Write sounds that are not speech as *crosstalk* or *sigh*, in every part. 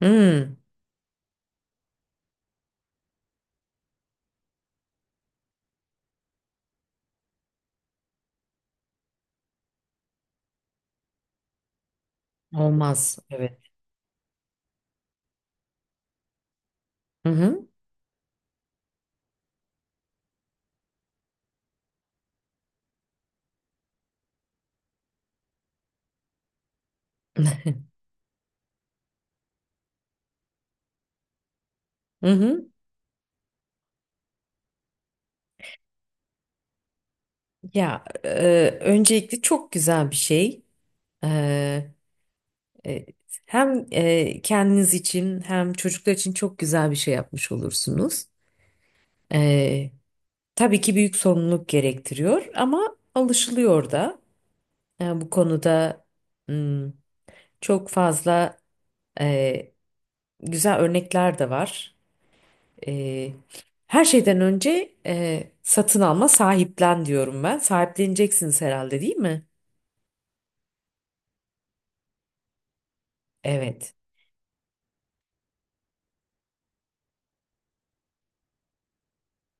Hmm, olmaz. Evet. Hı hı. *laughs* Hı hı. Öncelikle çok güzel bir şey. E, e, Hem kendiniz için hem çocuklar için çok güzel bir şey yapmış olursunuz. E, tabii ki büyük sorumluluk gerektiriyor ama alışılıyor da. Bu konuda hmm, çok fazla e, güzel örnekler de var. Ee, Her şeyden önce satın alma, sahiplen diyorum ben. Sahipleneceksiniz herhalde, değil mi? Evet,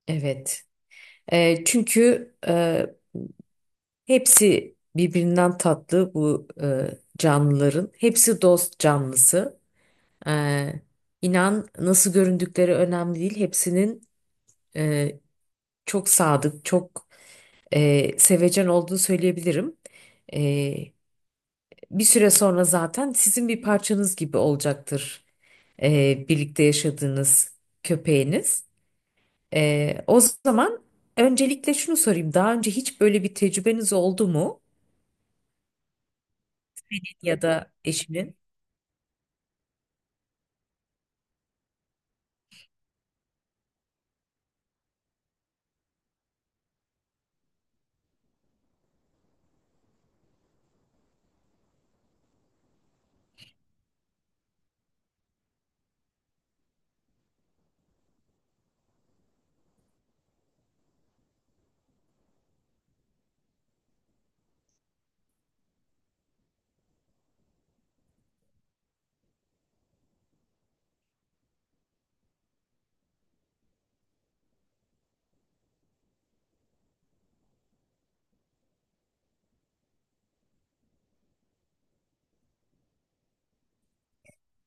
evet. Çünkü hepsi birbirinden tatlı bu canlıların. Hepsi dost canlısı. Ee, inan nasıl göründükleri önemli değil. Hepsinin e, çok sadık, çok sevecen olduğunu söyleyebilirim. E, Bir süre sonra zaten sizin bir parçanız gibi olacaktır, birlikte yaşadığınız köpeğiniz. O zaman öncelikle şunu sorayım. Daha önce hiç böyle bir tecrübeniz oldu mu? Ya da eşinin?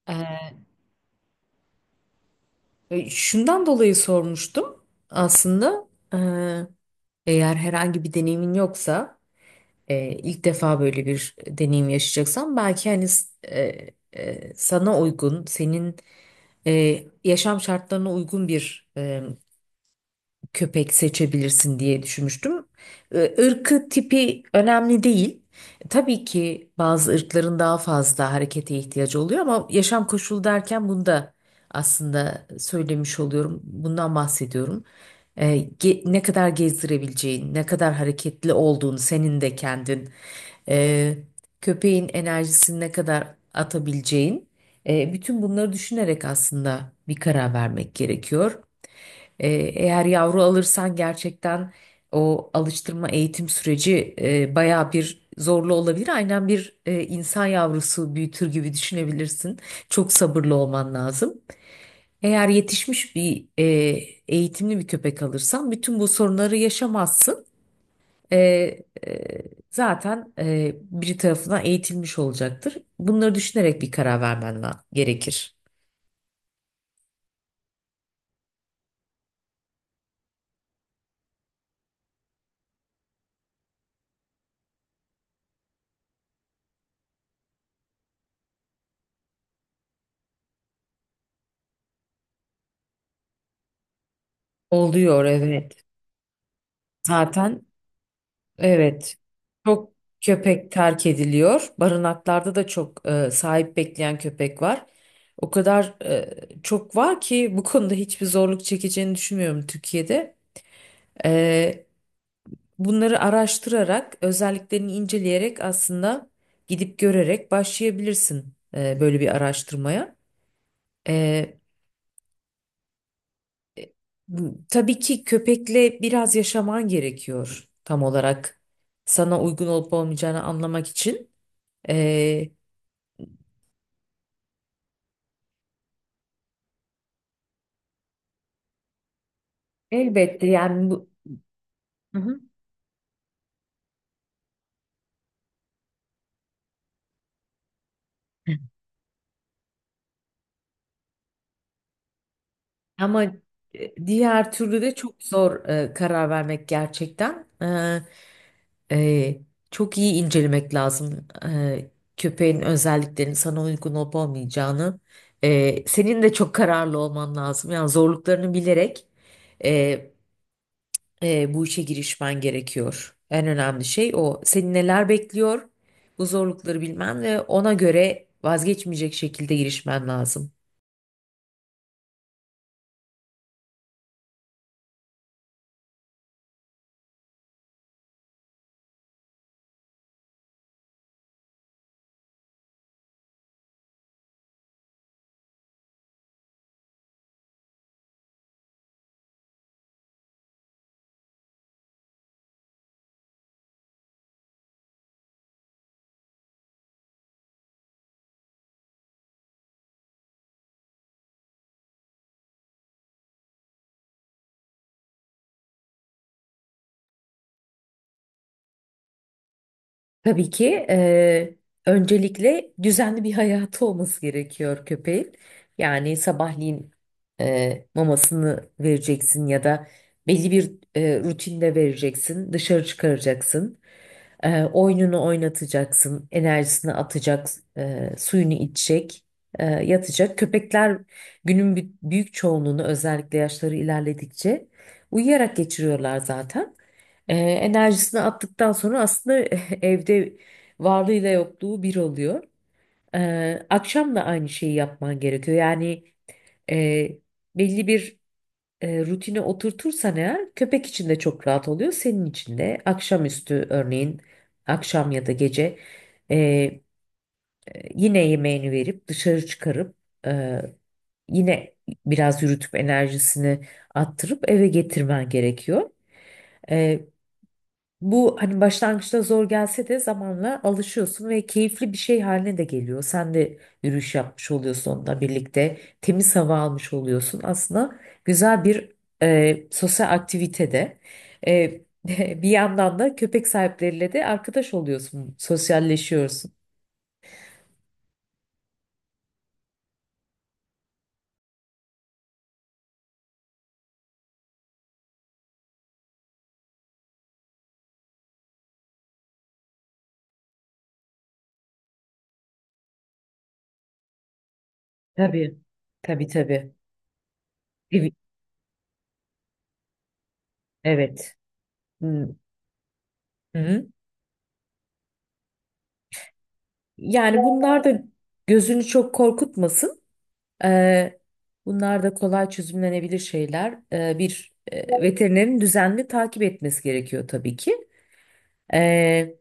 E, Şundan dolayı sormuştum aslında. E, Eğer herhangi bir deneyimin yoksa, ilk defa böyle bir deneyim yaşayacaksan belki hani e, sana uygun, senin yaşam şartlarına uygun bir köpek seçebilirsin diye düşünmüştüm. Irkı, tipi önemli değil. Tabii ki bazı ırkların daha fazla harekete ihtiyacı oluyor ama yaşam koşulu derken bunu da aslında söylemiş oluyorum. Bundan bahsediyorum. Ee, Ne kadar gezdirebileceğin, ne kadar hareketli olduğun, senin de kendin, ee, köpeğin enerjisini ne kadar atabileceğin, bütün bunları düşünerek aslında bir karar vermek gerekiyor. Ee, Eğer yavru alırsan gerçekten o alıştırma eğitim süreci bayağı bir zorlu olabilir. Aynen bir insan yavrusu büyütür gibi düşünebilirsin. Çok sabırlı olman lazım. Eğer yetişmiş bir eğitimli bir köpek alırsan bütün bu sorunları yaşamazsın. E, e, Zaten biri tarafından eğitilmiş olacaktır. Bunları düşünerek bir karar gerekir. Oluyor, evet. Zaten evet. Çok köpek terk ediliyor. Barınaklarda da çok sahip bekleyen köpek var. O kadar çok var ki bu konuda hiçbir zorluk çekeceğini düşünmüyorum Türkiye'de. E, Bunları araştırarak, özelliklerini inceleyerek, aslında gidip görerek başlayabilirsin böyle bir araştırmaya. E, e, tabii ki köpekle biraz yaşaman gerekiyor tam olarak sana uygun olup olmayacağını anlamak için. E, Elbette, yani bu... Hı hı. Ama diğer türlü de çok zor karar vermek gerçekten. E, e, Çok iyi incelemek lazım, köpeğin özelliklerinin sana uygun olup olmayacağını. Senin de çok kararlı olman lazım. Yani zorluklarını bilerek e, bu işe girişmen gerekiyor. En önemli şey o. Seni neler bekliyor? Bu zorlukları bilmen ve ona göre vazgeçmeyecek şekilde girişmen lazım. Tabii ki, öncelikle düzenli bir hayatı olması gerekiyor köpeğin. Yani sabahleyin mamasını vereceksin ya da belli bir rutinde vereceksin, dışarı çıkaracaksın, oyununu oynatacaksın, enerjisini atacak, suyunu içecek, yatacak. Köpekler günün büyük çoğunluğunu, özellikle yaşları ilerledikçe, uyuyarak geçiriyorlar zaten. Enerjisini attıktan sonra aslında *laughs* evde varlığıyla yokluğu bir oluyor. Akşam da aynı şeyi yapman gerekiyor. Yani e, belli bir rutine oturtursan eğer köpek için de çok rahat oluyor. Senin için de akşamüstü örneğin, akşam ya da gece, e, yine yemeğini verip dışarı çıkarıp e, yine biraz yürütüp enerjisini attırıp eve getirmen gerekiyor. Bu hani başlangıçta zor gelse de zamanla alışıyorsun ve keyifli bir şey haline de geliyor. Sen de yürüyüş yapmış oluyorsun onunla birlikte. Temiz hava almış oluyorsun. Aslında güzel bir sosyal aktivitede. E, *laughs* Bir yandan da köpek sahipleriyle de arkadaş oluyorsun. Sosyalleşiyorsun. Tabii. Tabii, tabii. Evet. Evet. Hı. Hı. Yani bunlar da gözünü çok korkutmasın. Eee, Bunlar da kolay çözümlenebilir şeyler. Bir veterinerin düzenli takip etmesi gerekiyor tabii ki. Eee,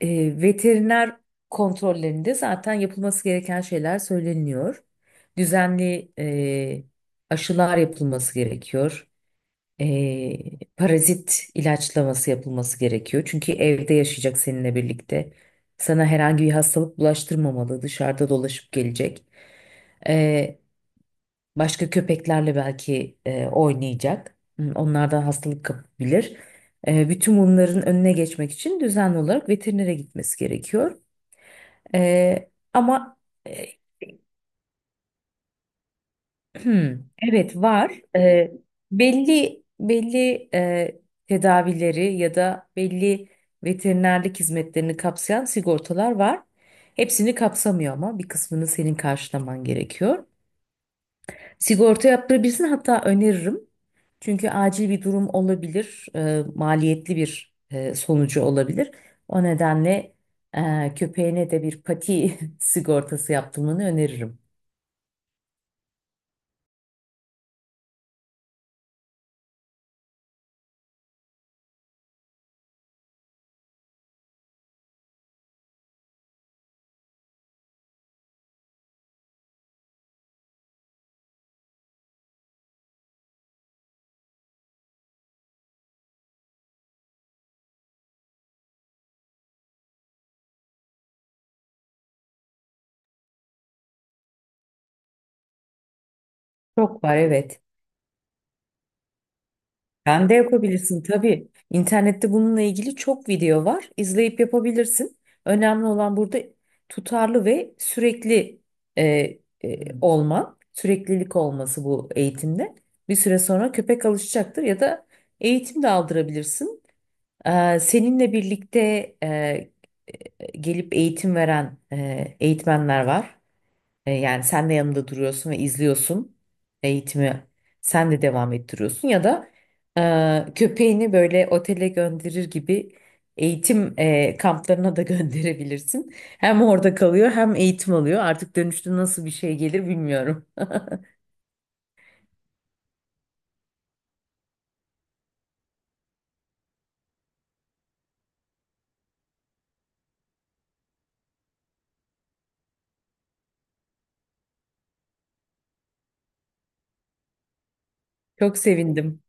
Veteriner kontrollerinde zaten yapılması gereken şeyler söyleniyor. Düzenli aşılar yapılması gerekiyor. Parazit ilaçlaması yapılması gerekiyor. Çünkü evde yaşayacak seninle birlikte. Sana herhangi bir hastalık bulaştırmamalı, dışarıda dolaşıp gelecek. Başka köpeklerle belki oynayacak. Hmm, onlardan hastalık kapabilir. Bütün bunların önüne geçmek için düzenli olarak veterinere gitmesi gerekiyor. E, ama e, *clears throat* hmm, evet, var. Belli belli tedavileri ya da belli veterinerlik hizmetlerini kapsayan sigortalar var. Hepsini kapsamıyor ama bir kısmını senin karşılaman gerekiyor. Sigorta yaptırabilirsin, hatta öneririm. Çünkü acil bir durum olabilir, maliyetli bir sonucu olabilir. O nedenle köpeğine de bir pati *laughs* sigortası yaptırmanı öneririm. Çok var, evet. Sen de yapabilirsin tabii. İnternette bununla ilgili çok video var. İzleyip yapabilirsin. Önemli olan burada tutarlı ve sürekli e, olman, süreklilik olması bu eğitimde. Bir süre sonra köpek alışacaktır ya da eğitim de aldırabilirsin. Seninle birlikte e, gelip eğitim veren eğitmenler var. Yani sen de yanında duruyorsun ve izliyorsun eğitimi. Sen de devam ettiriyorsun ya da köpeğini böyle otele gönderir gibi eğitim kamplarına da *laughs* gönderebilirsin. Hem orada kalıyor hem eğitim alıyor. Artık dönüşte nasıl bir şey gelir bilmiyorum. Çok sevindim.